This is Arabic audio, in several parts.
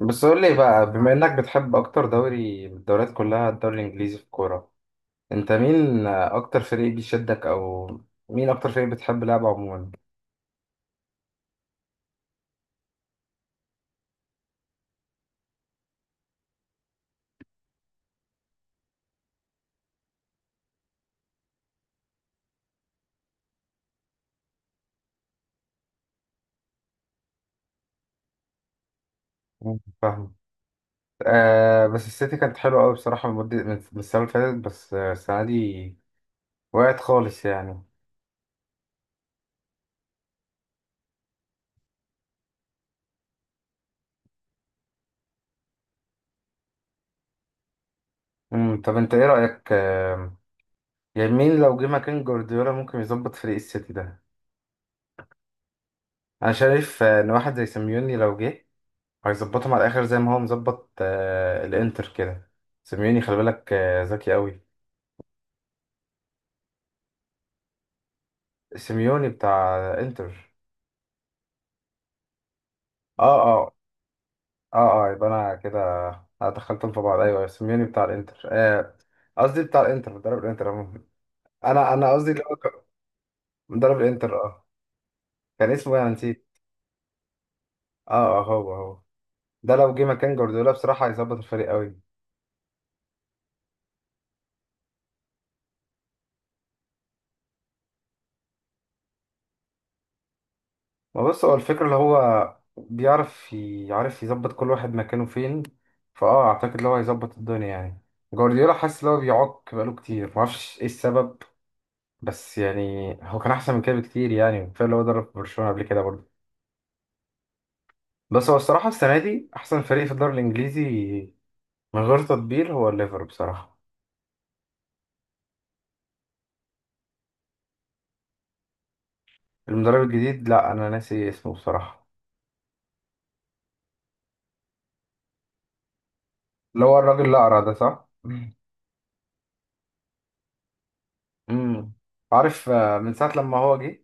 بس قول لي بقى، بما انك بتحب اكتر دوري من الدوريات كلها الدوري الانجليزي في الكوره، انت مين اكتر فريق بيشدك؟ او مين اكتر فريق بتحب لعبه عموما؟ مم. فاهم. آه، بس السيتي كانت حلوه قوي بصراحه المده من السنه اللي فاتت، بس السنه دي وقعت خالص يعني. طب انت ايه رايك؟ يعني مين لو جه مكان جوارديولا ممكن يظبط فريق السيتي ده؟ انا شايف ان واحد زي سيميوني لو جه هيظبطهم على الاخر، زي ما هو مظبط الانتر كده. سيميوني خلي بالك ذكي قوي. سيميوني بتاع انتر. اه، اه، اه، اه، يبقى انا كده. أنا دخلتهم في بعض، ايوه سيميوني بتاع الانتر قصدي بتاع الانتر، مدرب الانتر عموما. انا قصدي اللي هو مدرب الانتر. اه. كان اسمه إيه؟ انا نسيت. اه، اه، هو هو ده لو جه مكان جوارديولا بصراحة هيظبط الفريق قوي. ما بص، هو الفكرة اللي هو يعرف يظبط كل واحد مكانه فين. اعتقد اللي هو هيظبط الدنيا يعني. جوارديولا حاسس اللي هو بيعك بقاله كتير، معرفش ايه السبب. بس يعني هو كان احسن من كده بكتير يعني، كفايه اللي هو درب برشلونة قبل كده برضه. بس هو الصراحة السنة دي احسن فريق في الدوري الانجليزي من غير تطبيل هو الليفر بصراحة. المدرب الجديد، لا انا ناسي اسمه بصراحة. اللي هو الراجل الاقرع ده، صح؟ امم عارف من ساعة لما هو جه،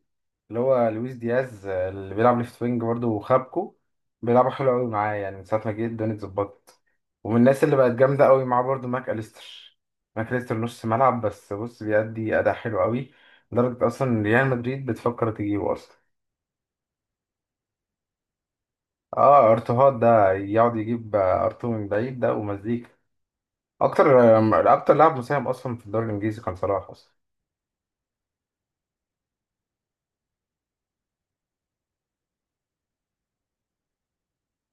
اللي هو لويس دياز اللي بيلعب ليفت وينج برضه، وخابكو بيلعبوا حلو قوي معاه يعني، من ساعة ما جه الدنيا اتظبطت. ومن الناس اللي بقت جامدة قوي معاه برضه ماك أليستر. ماك أليستر نص ملعب، بس بص بيأدي أداء حلو قوي، لدرجة أصلا ريال مدريد بتفكر تجيبه أصلا. اه، ارتوهات ده يقعد يجيب ارتو من بعيد ده، ومزيكا. اكتر لاعب مساهم اصلا في الدوري الانجليزي كان صلاح اصلا.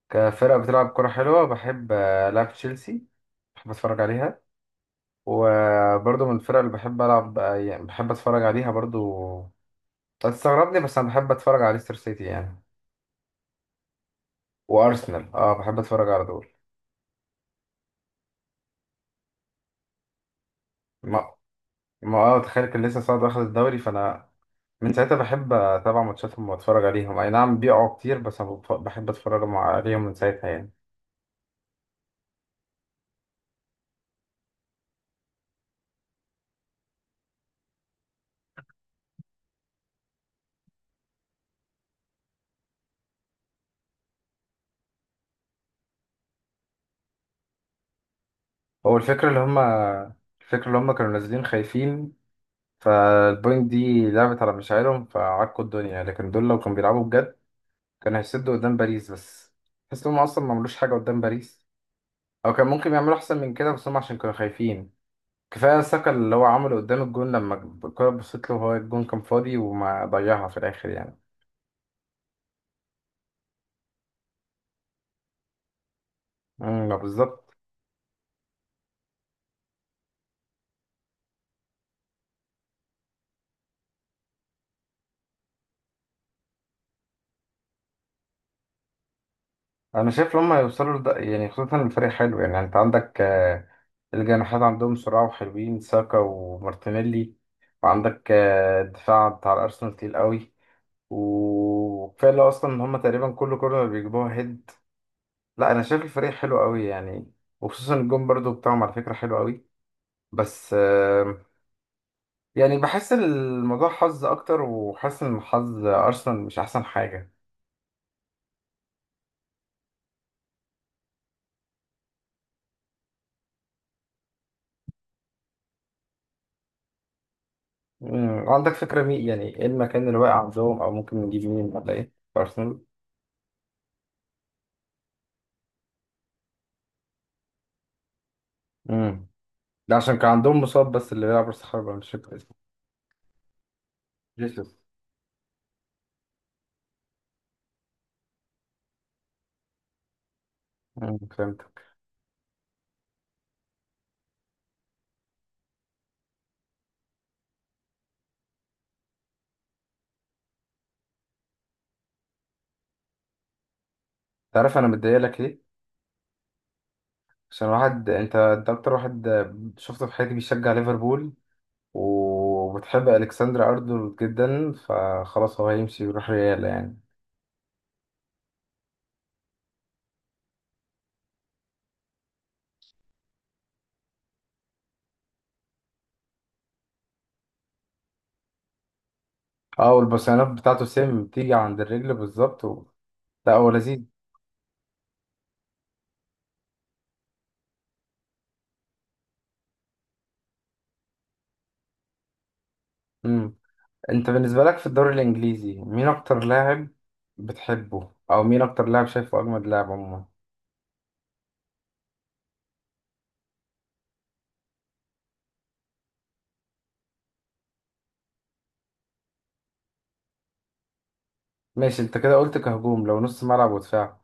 كفرق بتلعب كرة حلوة بحب ألعب تشيلسي. بحب أتفرج عليها. وبرضه من الفرق اللي بحب ألعب يعني بحب أتفرج عليها برضه، هتستغربني، بس أنا بحب أتفرج على ليستر سيتي يعني. وأرسنال، بحب أتفرج على دول. ما ما تخيل كان لسه صاعد واخد الدوري، فأنا من ساعتها بحب أتابع ماتشاتهم وأتفرج عليهم، أي نعم بيقعوا كتير، بس أنا بحب أتفرج عليهم من ساعتها يعني. هو الفكرة اللي هما الفكرة اللي هما كانوا نازلين خايفين. فالبوينت دي لعبت على مشاعرهم، فعكوا الدنيا، لكن دول لو كانوا بيلعبوا بجد كانوا هيسدوا قدام باريس، بس تحس إن هم أصلا ما عملوش حاجة قدام باريس، أو كان ممكن يعملوا أحسن من كده، بس هم عشان كانوا خايفين. كفاية ساكا اللي هو عمله قدام الجون لما الكرة بصيت له وهو الجون كان فاضي، وما ضيعها في الآخر يعني. ما بالظبط. أنا شايف لما يوصلوا لده يعني، خصوصا الفريق حلو يعني، أنت عندك الجناحات عندهم سرعة وحلوين، ساكا ومارتينيلي. وعندك الدفاع بتاع الأرسنال تقيل قوي، وكفايه اللي هو اصلا ان هم تقريبا كل كورنر بيجيبوها هيد. لا انا شايف الفريق حلو قوي يعني. وخصوصا الجون برضو بتاعهم على فكره حلو قوي. بس يعني بحس الموضوع حظ اكتر، وحاسس ان حظ ارسنال مش احسن حاجه. عندك فكره مين يعني ايه المكان اللي واقع عندهم، او ممكن نجيب مين ولا ايه؟ في ارسنال. امم ده عشان كان عندهم مصاب، بس اللي بيلعب راس حربة مش فاكر اسمه. جيسوس. مم، فهمت. تعرف انا متضايق لك ليه؟ عشان واحد، انت اكتر واحد شفته في حياتي بيشجع ليفربول، وبتحب الكسندر ارنولد جدا، فخلاص هو هيمشي ويروح ريال يعني. اه، والبصيانات بتاعته سيم بتيجي عند الرجل بالظبط، و. لا، هو لذيذ. مم. انت بالنسبه لك في الدوري الانجليزي، مين اكتر لاعب بتحبه، او مين اكتر لاعب شايفه اجمد لاعب عموما؟ ماشي، انت كده قلت كهجوم، لو نص ملعب ودفاع؟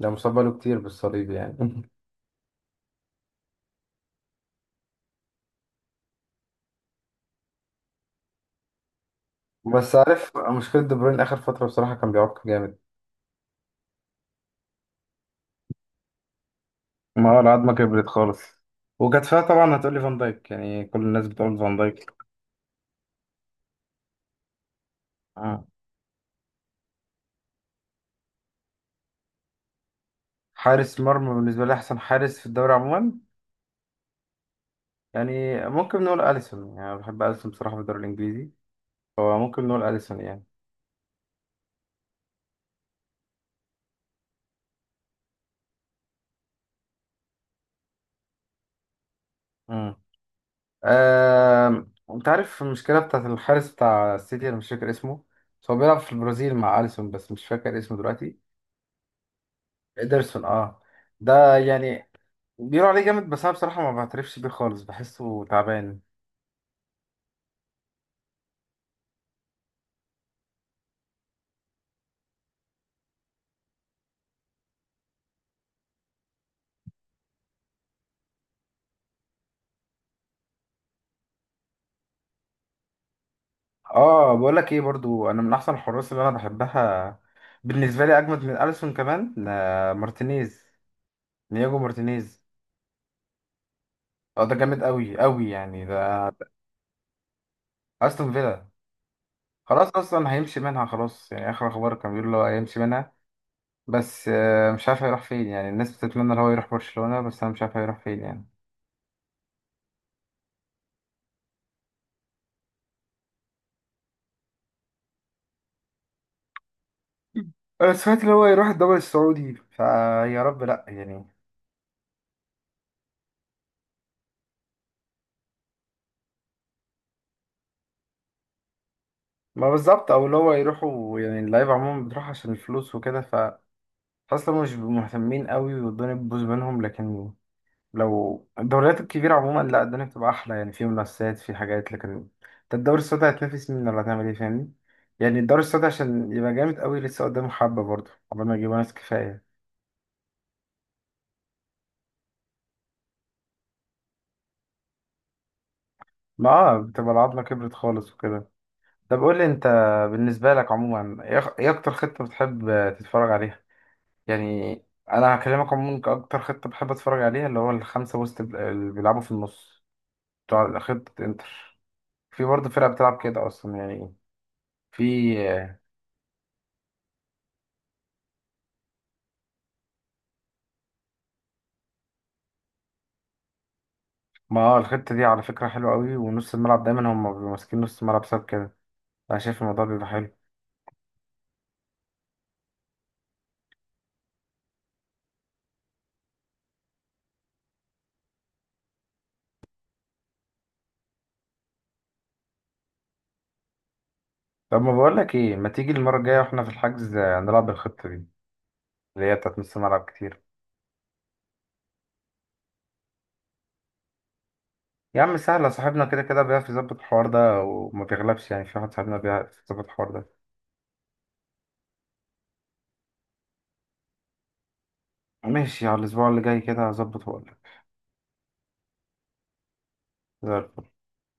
ده مصاب بقاله كتير بالصليب يعني. بس عارف مشكله دي بروين اخر فتره بصراحه كان بيعك جامد. ما هو العظمه كبرت خالص. وكانت فيها طبعا، هتقولي فان دايك يعني، كل الناس بتقول فان دايك. آه. حارس مرمى بالنسبة لي أحسن حارس في الدوري عموما، يعني ممكن نقول أليسون، يعني أنا بحب أليسون بصراحة في الدوري الإنجليزي، فممكن نقول أليسون يعني. مم. أنت عارف المشكلة بتاعت الحارس بتاع السيتي، أنا مش فاكر اسمه. بس هو بيلعب في البرازيل مع أليسون، بس مش فاكر اسمه دلوقتي. إيدرسون، أه. ده يعني بيقولوا عليه جامد، بس أنا بصراحة ما بعترفش بيه خالص، بحسه تعبان. اه، بقول لك ايه برضو، انا من احسن الحراس اللي انا بحبها بالنسبه لي اجمد من اليسون كمان، لا، مارتينيز. نياجو مارتينيز. اه، ده جامد قوي قوي يعني، ده استون فيلا. خلاص اصلا هيمشي منها خلاص يعني، اخر اخبار كان بيقول له هيمشي منها. بس مش عارف هيروح فين يعني، الناس بتتمنى ان هو يروح برشلونه، بس انا مش عارف هيروح فين يعني. انا سمعت ان هو يروح الدوري السعودي، فيا رب لا يعني. ما بالظبط، او اللي هو يروحوا يعني، اللعيبه عموما بتروح عشان الفلوس وكده، اصلا مش بيبقوا مهتمين قوي والدنيا بتبوظ منهم، لكن لو الدوريات الكبيره عموما لا الدنيا بتبقى احلى يعني، في منافسات، في حاجات، لكن انت الدوري السعودي هتنافس مين ولا هتعمل ايه، فاهمني؟ يعني الدوري السعودي عشان يبقى جامد قوي لسه قدامه حبه برضه، قبل ما يجيبوا ناس كفايه. ما بتبقى العظمه كبرت خالص وكده. طب قول لي انت، بالنسبه لك عموما، ايه اكتر خطه بتحب تتفرج عليها؟ يعني انا هكلمك عموما، كاكتر خطه بحب اتفرج عليها، اللي هو الخمسه وسط اللي بيلعبوا في النص، بتوع خطه انتر. في برضه فرقة بتلعب كده أصلا يعني. في. ما الخطة دي على فكرة حلوة قوي، ونص الملعب دايما هم بيبقوا ماسكين نص الملعب بسبب كده. أنا شايف الموضوع بيبقى حلو. طب ما بقولك إيه، ما تيجي المرة الجاية وإحنا في الحجز، نلعب بالخطة دي، اللي هي بتاعت نص الملعب كتير. يا عم سهلة، صاحبنا كده كده بيعرف يظبط الحوار ده وما بيغلبش يعني، في واحد صاحبنا بيعرف يظبط الحوار ده. ماشي، على الأسبوع اللي جاي كده هظبط وأقولك. زي الفل.